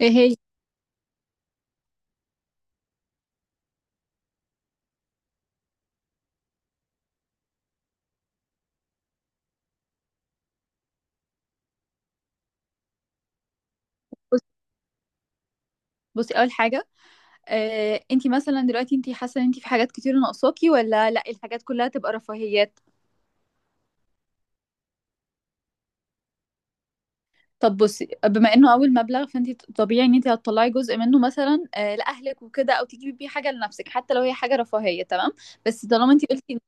ايه هي؟ بص- بصي، اول حاجه. انتي مثلا دلوقتي انتي حاسه ان انتي في حاجات كتير ناقصاكي ولا لا الحاجات كلها تبقى رفاهيات؟ طب بصي، بما انه اول مبلغ فانتي طبيعي ان انتي هتطلعي جزء منه مثلا لاهلك وكده او تجيبي بيه حاجه لنفسك حتى لو هي حاجه رفاهيه. تمام. بس طالما انتي قلتي ان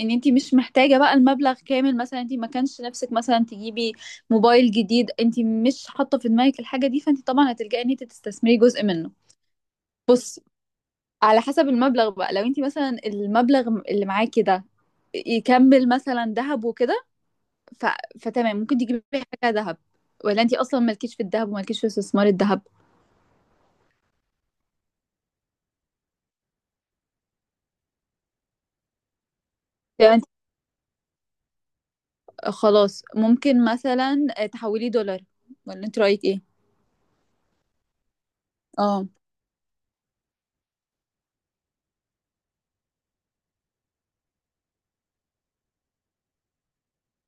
إن انتي مش محتاجه بقى المبلغ كامل، مثلا انتي ما كانش نفسك مثلا تجيبي موبايل جديد، انتي مش حاطه في دماغك الحاجه دي، فانتي طبعا هتلجئي ان انتي تستثمري جزء منه. بص على حسب المبلغ بقى. لو انت مثلا المبلغ اللي معاكي ده يكمل مثلا ذهب وكده، ف... فتمام ممكن تجيبي حاجة ذهب، ولا انت اصلا مالكيش في الذهب ومالكيش في استثمار الذهب؟ فانت خلاص ممكن مثلا تحولي دولار، ولا انت رأيك ايه؟ اه.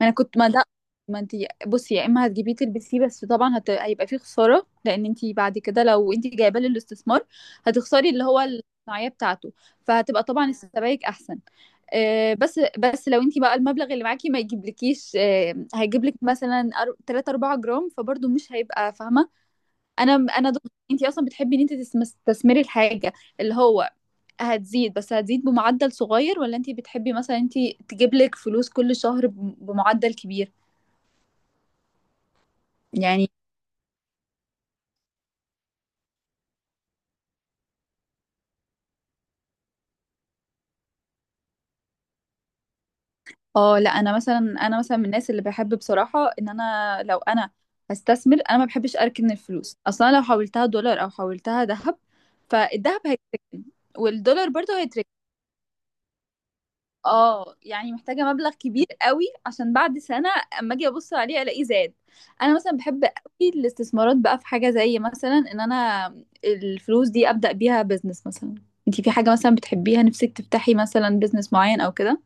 ما انا كنت ما ده ما انت بصي، يا اما هتجيبيه تلبسيه، بس طبعا هيبقى فيه خسارة لان انت بعد كده لو انت جايباه للاستثمار هتخسري اللي هو الصناعية بتاعته. فهتبقى طبعا السبائك احسن. بس لو انت بقى المبلغ اللي معاكي ما يجيبلكيش، هيجيبلك مثلا 3 4 جرام، فبرضه مش هيبقى فاهمه. انا انا ضد. انت اصلا بتحبي ان انت تستثمري الحاجه اللي هو هتزيد، بس هتزيد بمعدل صغير، ولا انت بتحبي مثلا انت تجيبلك فلوس كل شهر بمعدل كبير؟ يعني. اه، لا، انا مثلا من الناس اللي بحب بصراحه ان انا لو انا هستثمر انا ما بحبش اركن الفلوس اصلا. لو حولتها دولار او حولتها ذهب، فالذهب هيتركن والدولار برضه هيتركن. اه، يعني محتاجه مبلغ كبير قوي عشان بعد سنه اما اجي ابص عليه الاقيه زاد. انا مثلا بحب قوي الاستثمارات بقى في حاجه زي مثلا ان انا الفلوس دي ابدا بيها بزنس مثلا. انتي في حاجه مثلا بتحبيها نفسك تفتحي مثلا بزنس معين او كده؟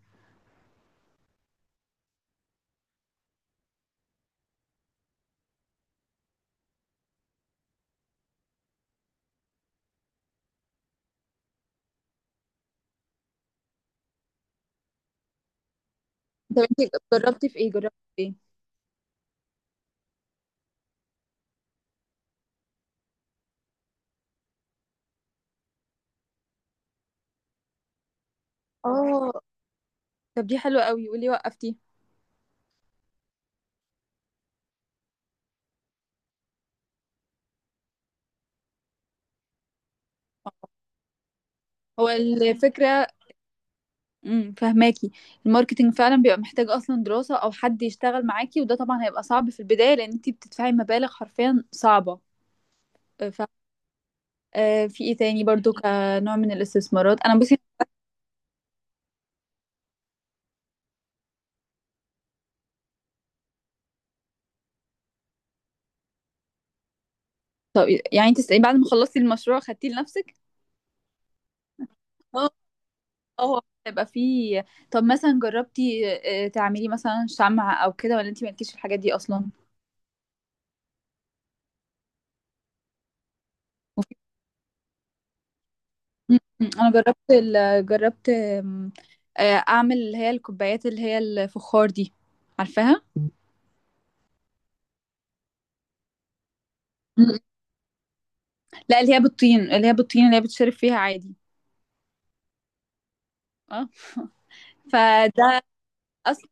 طب انتي جربتي في ايه؟ جربتي في ايه؟ اه. طب دي حلوة قوي، قولي، وقفتي؟ هو الفكرة. فهماكي، الماركتينج فعلا بيبقى محتاج اصلا دراسة او حد يشتغل معاكي، وده طبعا هيبقى صعب في البداية لان انتي بتدفعي مبالغ حرفيا صعبة. آه، ف في ايه تاني برضو كنوع من الاستثمارات؟ انا بصي. طب يعني انت بعد ما خلصتي المشروع خدتيه لنفسك؟ اه. اه هيبقى فيه. طب مثلا جربتي تعملي مثلا شمعة او كده، ولا انتي مالكيش في الحاجات دي اصلا؟ مم. انا جربت جربت اعمل اللي هي الكوبايات اللي هي الفخار دي، عارفاها؟ مم. لا اللي هي بالطين، اللي هي بالطين اللي هي بتشرب فيها عادي. اه. فده اصلا.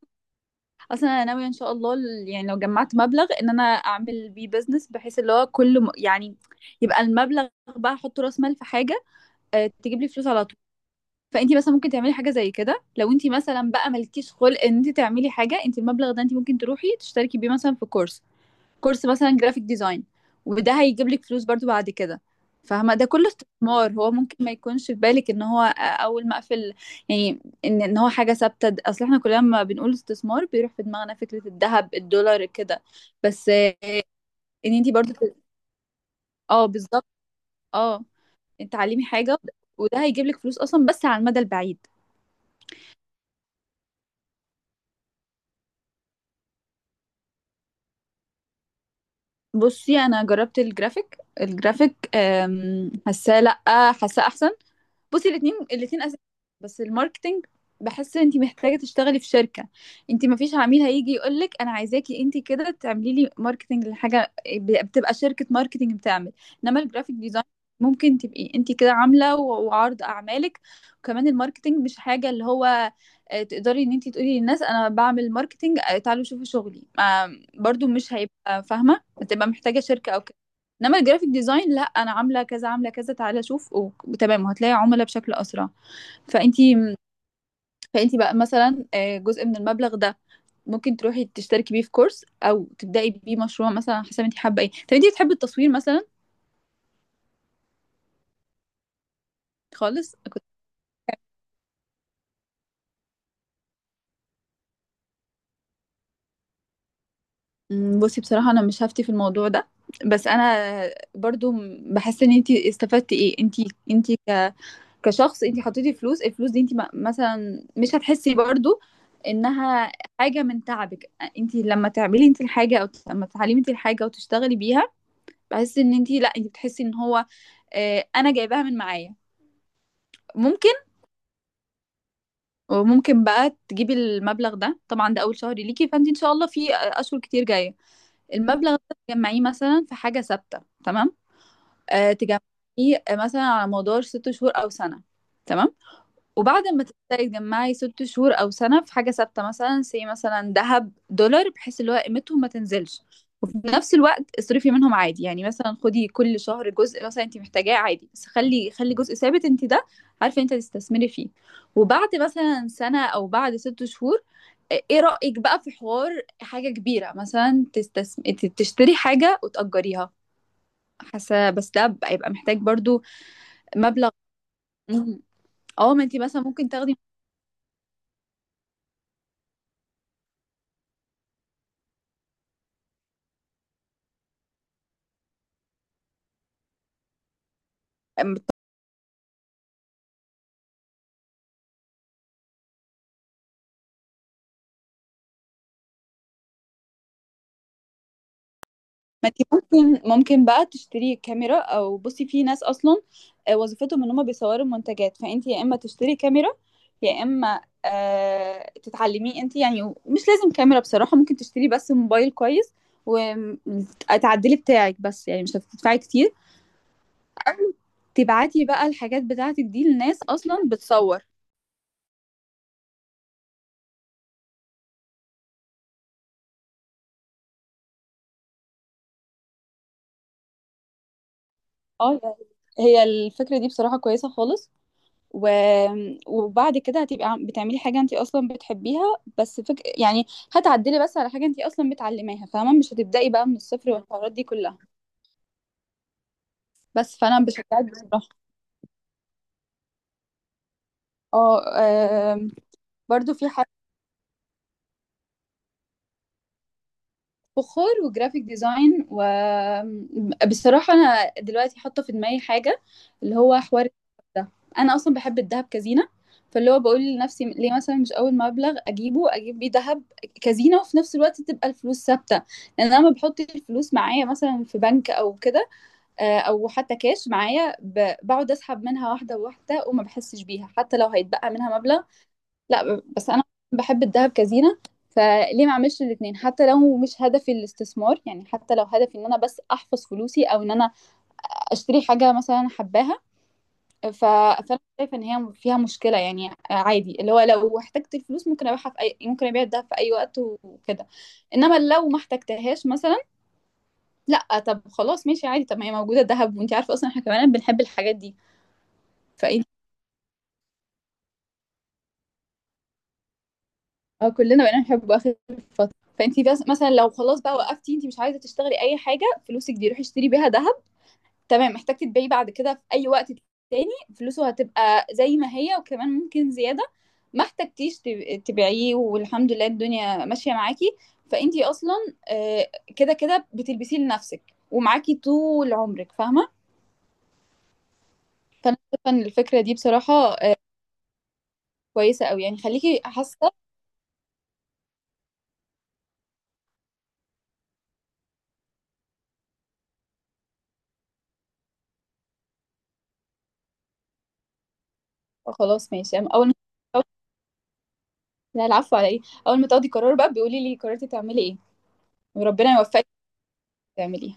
اصلا انا ناويه ان شاء الله يعني لو جمعت مبلغ ان انا اعمل بيه بزنس، بحيث اللي هو كل يعني يبقى المبلغ بقى احط راس مال في حاجه تجيب لي فلوس على طول. فانتي مثلا ممكن تعملي حاجه زي كده. لو انتي مثلا بقى مالكيش خلق ان انتي تعملي حاجه، انتي المبلغ ده انتي ممكن تروحي تشتركي بيه مثلا في كورس، كورس مثلا جرافيك ديزاين، وده هيجيب لك فلوس برضو بعد كده، فاهمة؟ ده كله استثمار. هو ممكن ما يكونش في بالك ان هو اول ما اقفل يعني ان ان هو حاجة ثابتة. اصل احنا كلنا لما بنقول استثمار بيروح في دماغنا فكرة الذهب، الدولار، كده. بس ان انتي برضو. اه بالظبط. اه اتعلمي حاجة، وده هيجيب لك فلوس اصلا بس على المدى البعيد. بصي انا جربت الجرافيك. الجرافيك حاساه، لا، حاساه احسن. بصي الاتنين اساسي، بس الماركتينج بحس انت محتاجه تشتغلي في شركه. انت ما فيش عميل هيجي يقول لك انا عايزاكي انت كده تعملي لي ماركتينج لحاجه، بتبقى شركه ماركتينج بتعمل. انما الجرافيك ديزاين ممكن تبقي انت كده عامله وعرض اعمالك. وكمان الماركتينج مش حاجه اللي هو تقدري ان انت تقولي للناس انا بعمل ماركتينج، تعالوا شوفوا شغلي. برضو مش هيبقى فاهمه، هتبقى محتاجه شركه او. انما الجرافيك ديزاين، لا انا عامله كذا، عامله كذا، تعالى شوف، وتمام، وهتلاقي عملاء بشكل اسرع. فانتي فانتي بقى مثلا جزء من المبلغ ده ممكن تروحي تشتركي بيه في كورس، او تبداي بيه مشروع مثلا على حسب انت حابه ايه. طب انت بتحبي التصوير مثلا؟ خالص كنت. مم، بصي بصراحه انا مش هفتي في الموضوع ده، بس انا برضو بحس ان انت استفدتي ايه. انت كشخص انت حطيتي فلوس. الفلوس دي انت مثلا مش هتحسي برضو انها حاجه من تعبك. انت لما تعملي انت الحاجه او لما تعلمي انت الحاجه وتشتغلي بيها، بحس ان انت، لا انت بتحسي ان هو اه انا جايباها من معايا. ممكن. وممكن بقى تجيبي المبلغ ده. طبعا ده اول شهر ليكي، فانت ان شاء الله في اشهر كتير جايه. المبلغ ده تجمعيه مثلا في حاجه ثابته، تمام؟ تجمعيه مثلا على مدار ست شهور او سنه، تمام. وبعد ما تبداي تجمعي ست شهور او سنه في حاجه ثابته مثلا، سي مثلا ذهب، دولار، بحيث اللي هو قيمتهم ما تنزلش، وفي نفس الوقت اصرفي منهم عادي. يعني مثلا خدي كل شهر جزء مثلا انت محتاجاه عادي، بس خلي جزء ثابت انت ده عارفه انت تستثمري فيه. وبعد مثلا سنه او بعد ست شهور، ايه رايك بقى في حوار حاجه كبيره مثلا تشتري حاجه وتاجريها؟ حاسه بس ده هيبقى محتاج برضو مبلغ. مم. اه ما انت مثلا ممكن تاخدي. ما انتي ممكن بقى تشتري كاميرا، او بصي في ناس اصلا وظيفتهم ان هم بيصوروا منتجات. فانت يا اما تشتري كاميرا، يا اما تتعلمي انت. يعني مش لازم كاميرا بصراحة، ممكن تشتري بس موبايل كويس وتعدلي بتاعك، بس يعني مش هتدفعي كتير. أو تبعتي بقى الحاجات بتاعتك دي لناس اصلا بتصور. اه يعني هي الفكرة دي بصراحة كويسة خالص. و... وبعد كده هتبقي بتعملي حاجة انتي اصلا بتحبيها. بس يعني هتعدلي بس على حاجة انتي اصلا بتعلميها، فاهمة؟ مش هتبدأي بقى من الصفر والحوارات دي كلها. بس فانا بشجعك بصراحة. اه. آم، برضو في فخار وجرافيك ديزاين. وبصراحة أنا دلوقتي حاطة في دماغي حاجة اللي هو حوار ده، أنا أصلا بحب الذهب كزينة. فاللي هو بقول لنفسي ليه مثلا مش أول مبلغ أجيبه أجيب بيه ذهب كزينة، وفي نفس الوقت تبقى الفلوس ثابتة. لأن أنا لما بحط الفلوس معايا مثلا في بنك أو كده، أو حتى كاش معايا، بقعد أسحب منها واحدة واحدة وما بحسش بيها حتى لو هيتبقى منها مبلغ. لا، بس انا بحب الذهب كزينة. فليه ما اعملش الاثنين؟ حتى لو مش هدفي الاستثمار، يعني حتى لو هدفي ان انا بس احفظ فلوسي، او ان انا اشتري حاجة مثلا أنا حباها. ف... فانا شايفة ان هي فيها مشكلة يعني عادي. اللي هو لو احتجت الفلوس ممكن ابيعها في اي، ممكن ابيع الذهب في اي وقت وكده. انما لو ما احتجتهاش مثلا، لا، طب خلاص ماشي عادي. طب ما هي موجودة الذهب، وانت عارفة اصلا احنا كمان بنحب الحاجات دي. فايه كلنا بقينا نحبه آخر فترة. فأنتِ بس مثلًا لو خلاص بقى وقفتِ، أنتِ مش عايزة تشتغلي أي حاجة، فلوسِك دي روحي اشتري بيها دهب، تمام. محتاجة تبيعيه بعد كده في أي وقت تاني، فلوسه هتبقى زي ما هي وكمان ممكن زيادة. ما احتجتيش تبيعيه، والحمد لله الدنيا ماشية معاكِ، فأنتِ أصلًا آآ، كده بتلبسيه لنفسِك ومعاكِ طول عمرِك، فاهمة؟ فأنا شايفة إن الفكرة دي بصراحة كويسة أوي، يعني خليكِ حاسة. خلاص ماشي أول. لا، العفو على ايه. اول ما تاخدي قرار بقى بيقولي لي قررتي تعملي ايه، وربنا يوفقك تعمليه.